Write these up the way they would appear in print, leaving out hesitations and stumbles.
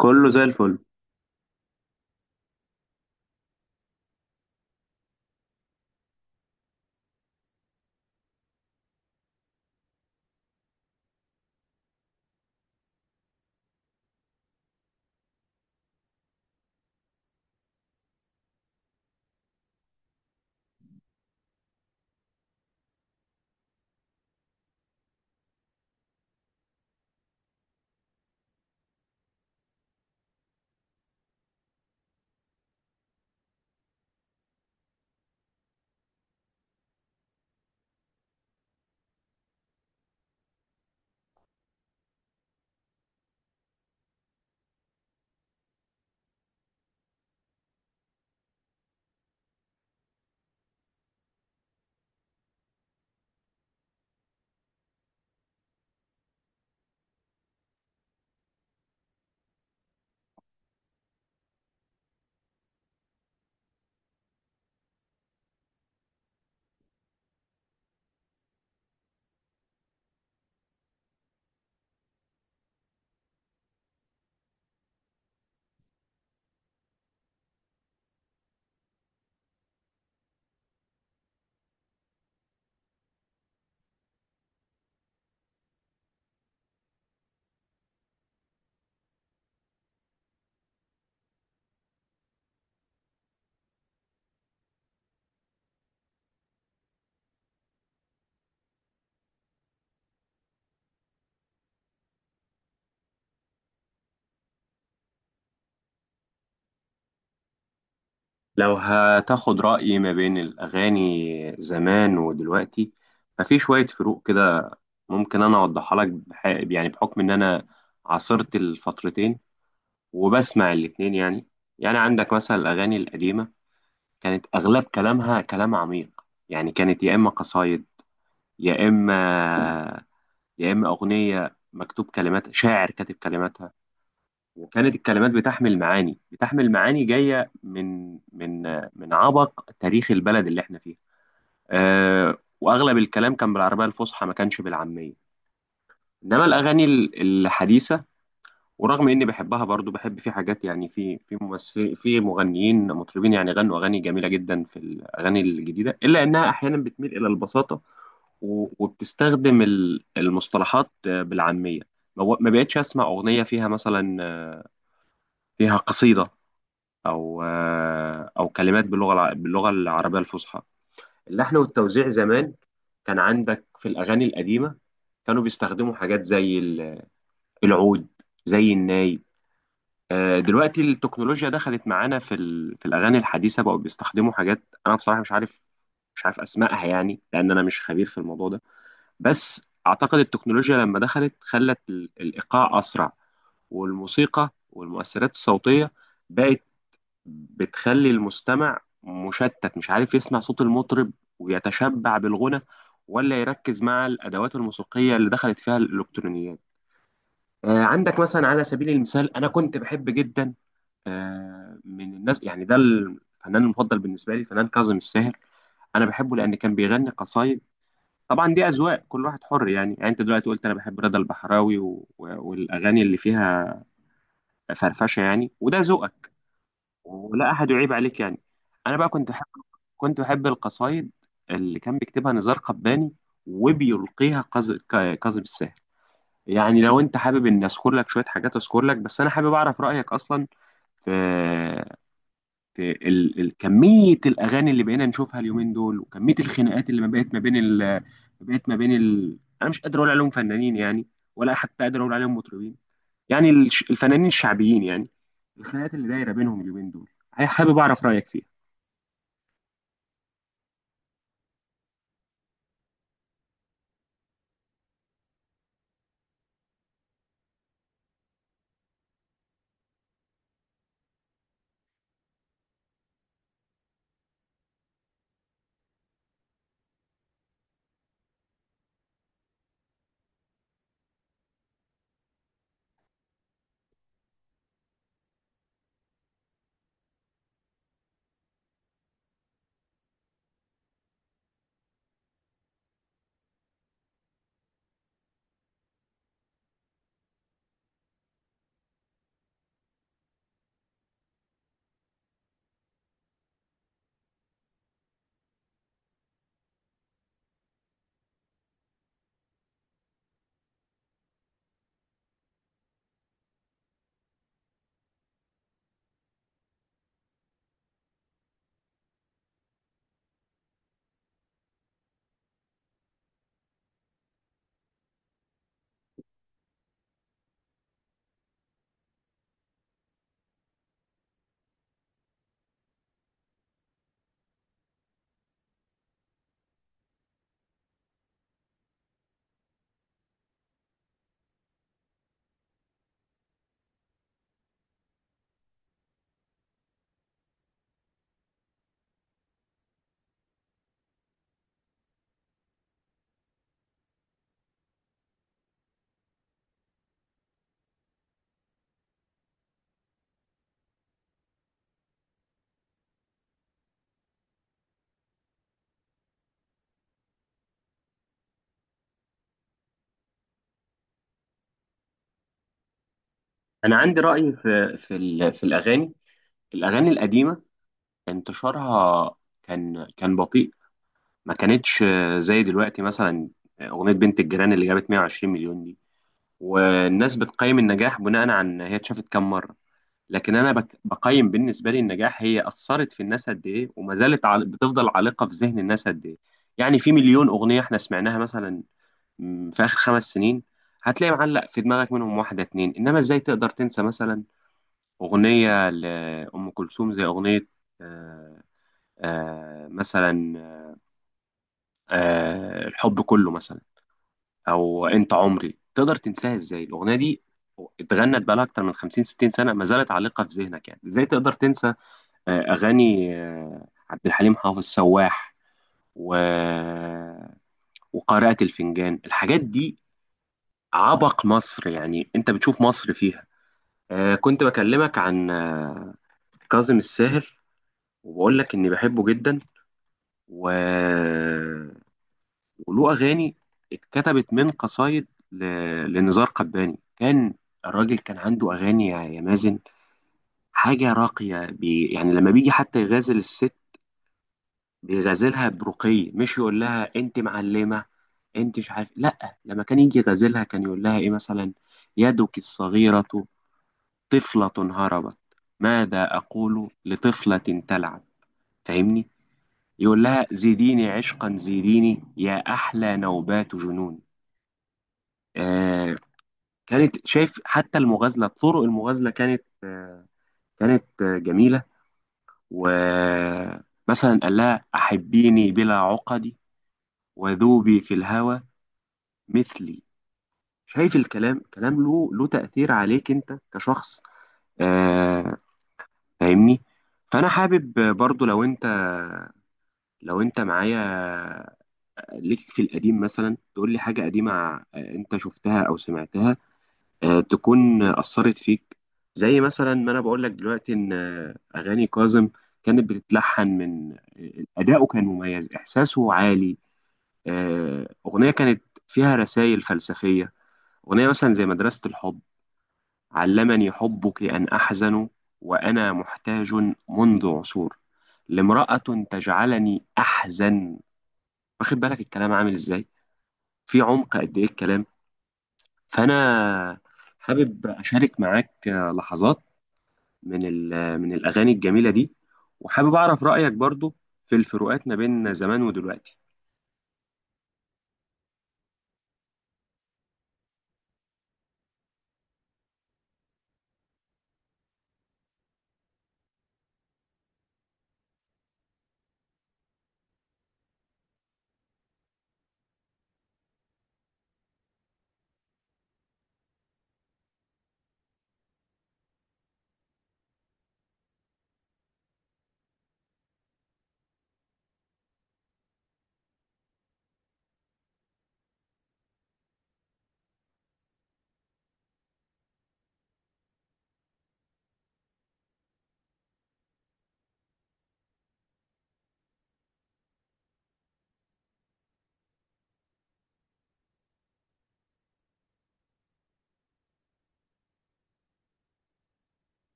كله زي الفل. لو هتاخد رأيي ما بين الأغاني زمان ودلوقتي، ففي شوية فروق كده. ممكن أنا أوضحها لك يعني بحكم إن أنا عاصرت الفترتين وبسمع الاتنين يعني عندك مثلا الأغاني القديمة كانت أغلب كلامها كلام عميق. يعني كانت يا إما قصايد، يا إما يا إما أغنية مكتوب كلمات شاعر كاتب كلماتها. وكانت الكلمات بتحمل معاني، بتحمل معاني جاية من عبق تاريخ البلد اللي احنا فيها. أه، واغلب الكلام كان بالعربية الفصحى، ما كانش بالعامية. انما الاغاني الحديثة، ورغم اني بحبها برضو، بحب في حاجات، يعني في ممثل، في مغنيين مطربين يعني غنوا اغاني جميلة جدا في الاغاني الجديدة، الا انها احيانا بتميل الى البساطة وبتستخدم المصطلحات بالعامية. ما بقتش اسمع اغنية فيها مثلا فيها قصيدة، او او كلمات باللغه العربيه الفصحى. اللحن والتوزيع زمان كان عندك في الاغاني القديمه، كانوا بيستخدموا حاجات زي العود، زي الناي. دلوقتي التكنولوجيا دخلت معانا في الاغاني الحديثه، بقوا بيستخدموا حاجات انا بصراحه مش عارف، مش عارف اسمائها، يعني لان انا مش خبير في الموضوع ده. بس اعتقد التكنولوجيا لما دخلت خلت الايقاع اسرع، والموسيقى والمؤثرات الصوتيه بقت بتخلي المستمع مشتت، مش عارف يسمع صوت المطرب ويتشبع بالغنى، ولا يركز مع الأدوات الموسيقية اللي دخلت فيها الإلكترونيات. آه، عندك مثلا على سبيل المثال، أنا كنت بحب جدا آه، من الناس، يعني ده الفنان المفضل بالنسبة لي فنان كاظم الساهر. أنا بحبه لأن كان بيغني قصايد. طبعا دي أذواق، كل واحد حر يعني. يعني أنت دلوقتي قلت أنا بحب رضا البحراوي والأغاني اللي فيها فرفشة يعني، وده ذوقك ولا احد يعيب عليك يعني. انا بقى كنت بحب، كنت بحب القصايد اللي كان بيكتبها نزار قباني وبيلقيها كاظم الساهر. يعني لو انت حابب ان اذكر لك شويه حاجات اذكر لك. بس انا حابب اعرف رايك اصلا في كميه الاغاني اللي بقينا نشوفها اليومين دول، وكميه الخناقات اللي ما بقت ما بين انا مش قادر اقول عليهم فنانين يعني، ولا حتى قادر اقول عليهم مطربين. يعني الفنانين الشعبيين يعني، الخناقات اللي دايره بينهم اليومين دول حابب اعرف رايك فيها. انا عندي راي في في الاغاني. الاغاني القديمه انتشارها كان بطيء، ما كانتش زي دلوقتي. مثلا اغنيه بنت الجيران اللي جابت 120 مليون دي، والناس بتقيم النجاح بناء على ان هي اتشافت كام مره. لكن انا بقيم بالنسبه لي النجاح هي اثرت في الناس قد ايه، وما زالت بتفضل عالقه في ذهن الناس قد ايه. يعني في مليون اغنيه احنا سمعناها مثلا في اخر 5 سنين، هتلاقي معلق في دماغك منهم واحده اتنين. انما ازاي تقدر تنسى مثلا أغنية لأم كلثوم زي أغنية آه، مثلا الحب كله مثلا، أو أنت عمري؟ تقدر تنساها إزاي الأغنية دي؟ اتغنت بقالها أكتر من 50 60 سنة، ما زالت عالقة في ذهنك. يعني إزاي تقدر تنسى أغاني عبد الحليم حافظ، سواح و... وقارئة الفنجان؟ الحاجات دي عبق مصر، يعني أنت بتشوف مصر فيها. كنت بكلمك عن كاظم الساهر، وبقول لك إني بحبه جدا و... وله أغاني اتكتبت من قصايد ل... لنزار قباني. كان الراجل كان عنده أغاني، يا مازن، حاجة راقية. يعني لما بيجي حتى يغازل الست بيغازلها برقي، مش يقول لها أنت معلمة، أنت مش عارف. لأ، لما كان يجي يغازلها كان يقول لها إيه مثلا؟ يدك الصغيرة طفلة هربت، ماذا أقول لطفلة تلعب؟ فاهمني. يقول لها زيديني عشقا زيديني يا أحلى نوبات جنون. آه، كانت، شايف؟ حتى المغازلة، طرق المغازلة كانت جميلة. ومثلا قال لها أحبيني بلا عقدي وذوبي في الهوى مثلي. شايف الكلام؟ كلام له تأثير عليك أنت كشخص. آه، فاهمني. فأنا حابب برضو لو أنت، لو أنت معايا، ليك في القديم مثلا تقول لي حاجة قديمة أنت شفتها أو سمعتها تكون أثرت فيك، زي مثلا ما أنا بقول لك دلوقتي إن أغاني كاظم كانت بتتلحن من أداؤه كان مميز، إحساسه عالي. أغنية كانت فيها رسائل فلسفية، أغنية مثلا زي مدرسة الحب: علمني حبك أن أحزن، وأنا محتاج منذ عصور لامرأة تجعلني أحزن. واخد بالك الكلام عامل إزاي؟ في عمق قد إيه الكلام. فأنا حابب أشارك معاك لحظات من من الأغاني الجميلة دي، وحابب أعرف رأيك برضو في الفروقات ما بين زمان ودلوقتي.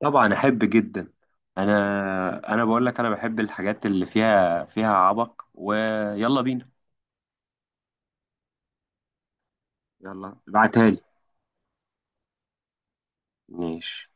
طبعا أحب جدا. أنا بقول لك أنا بحب الحاجات اللي فيها عبق. ويلا بينا. يلا ابعتها لي. ماشي.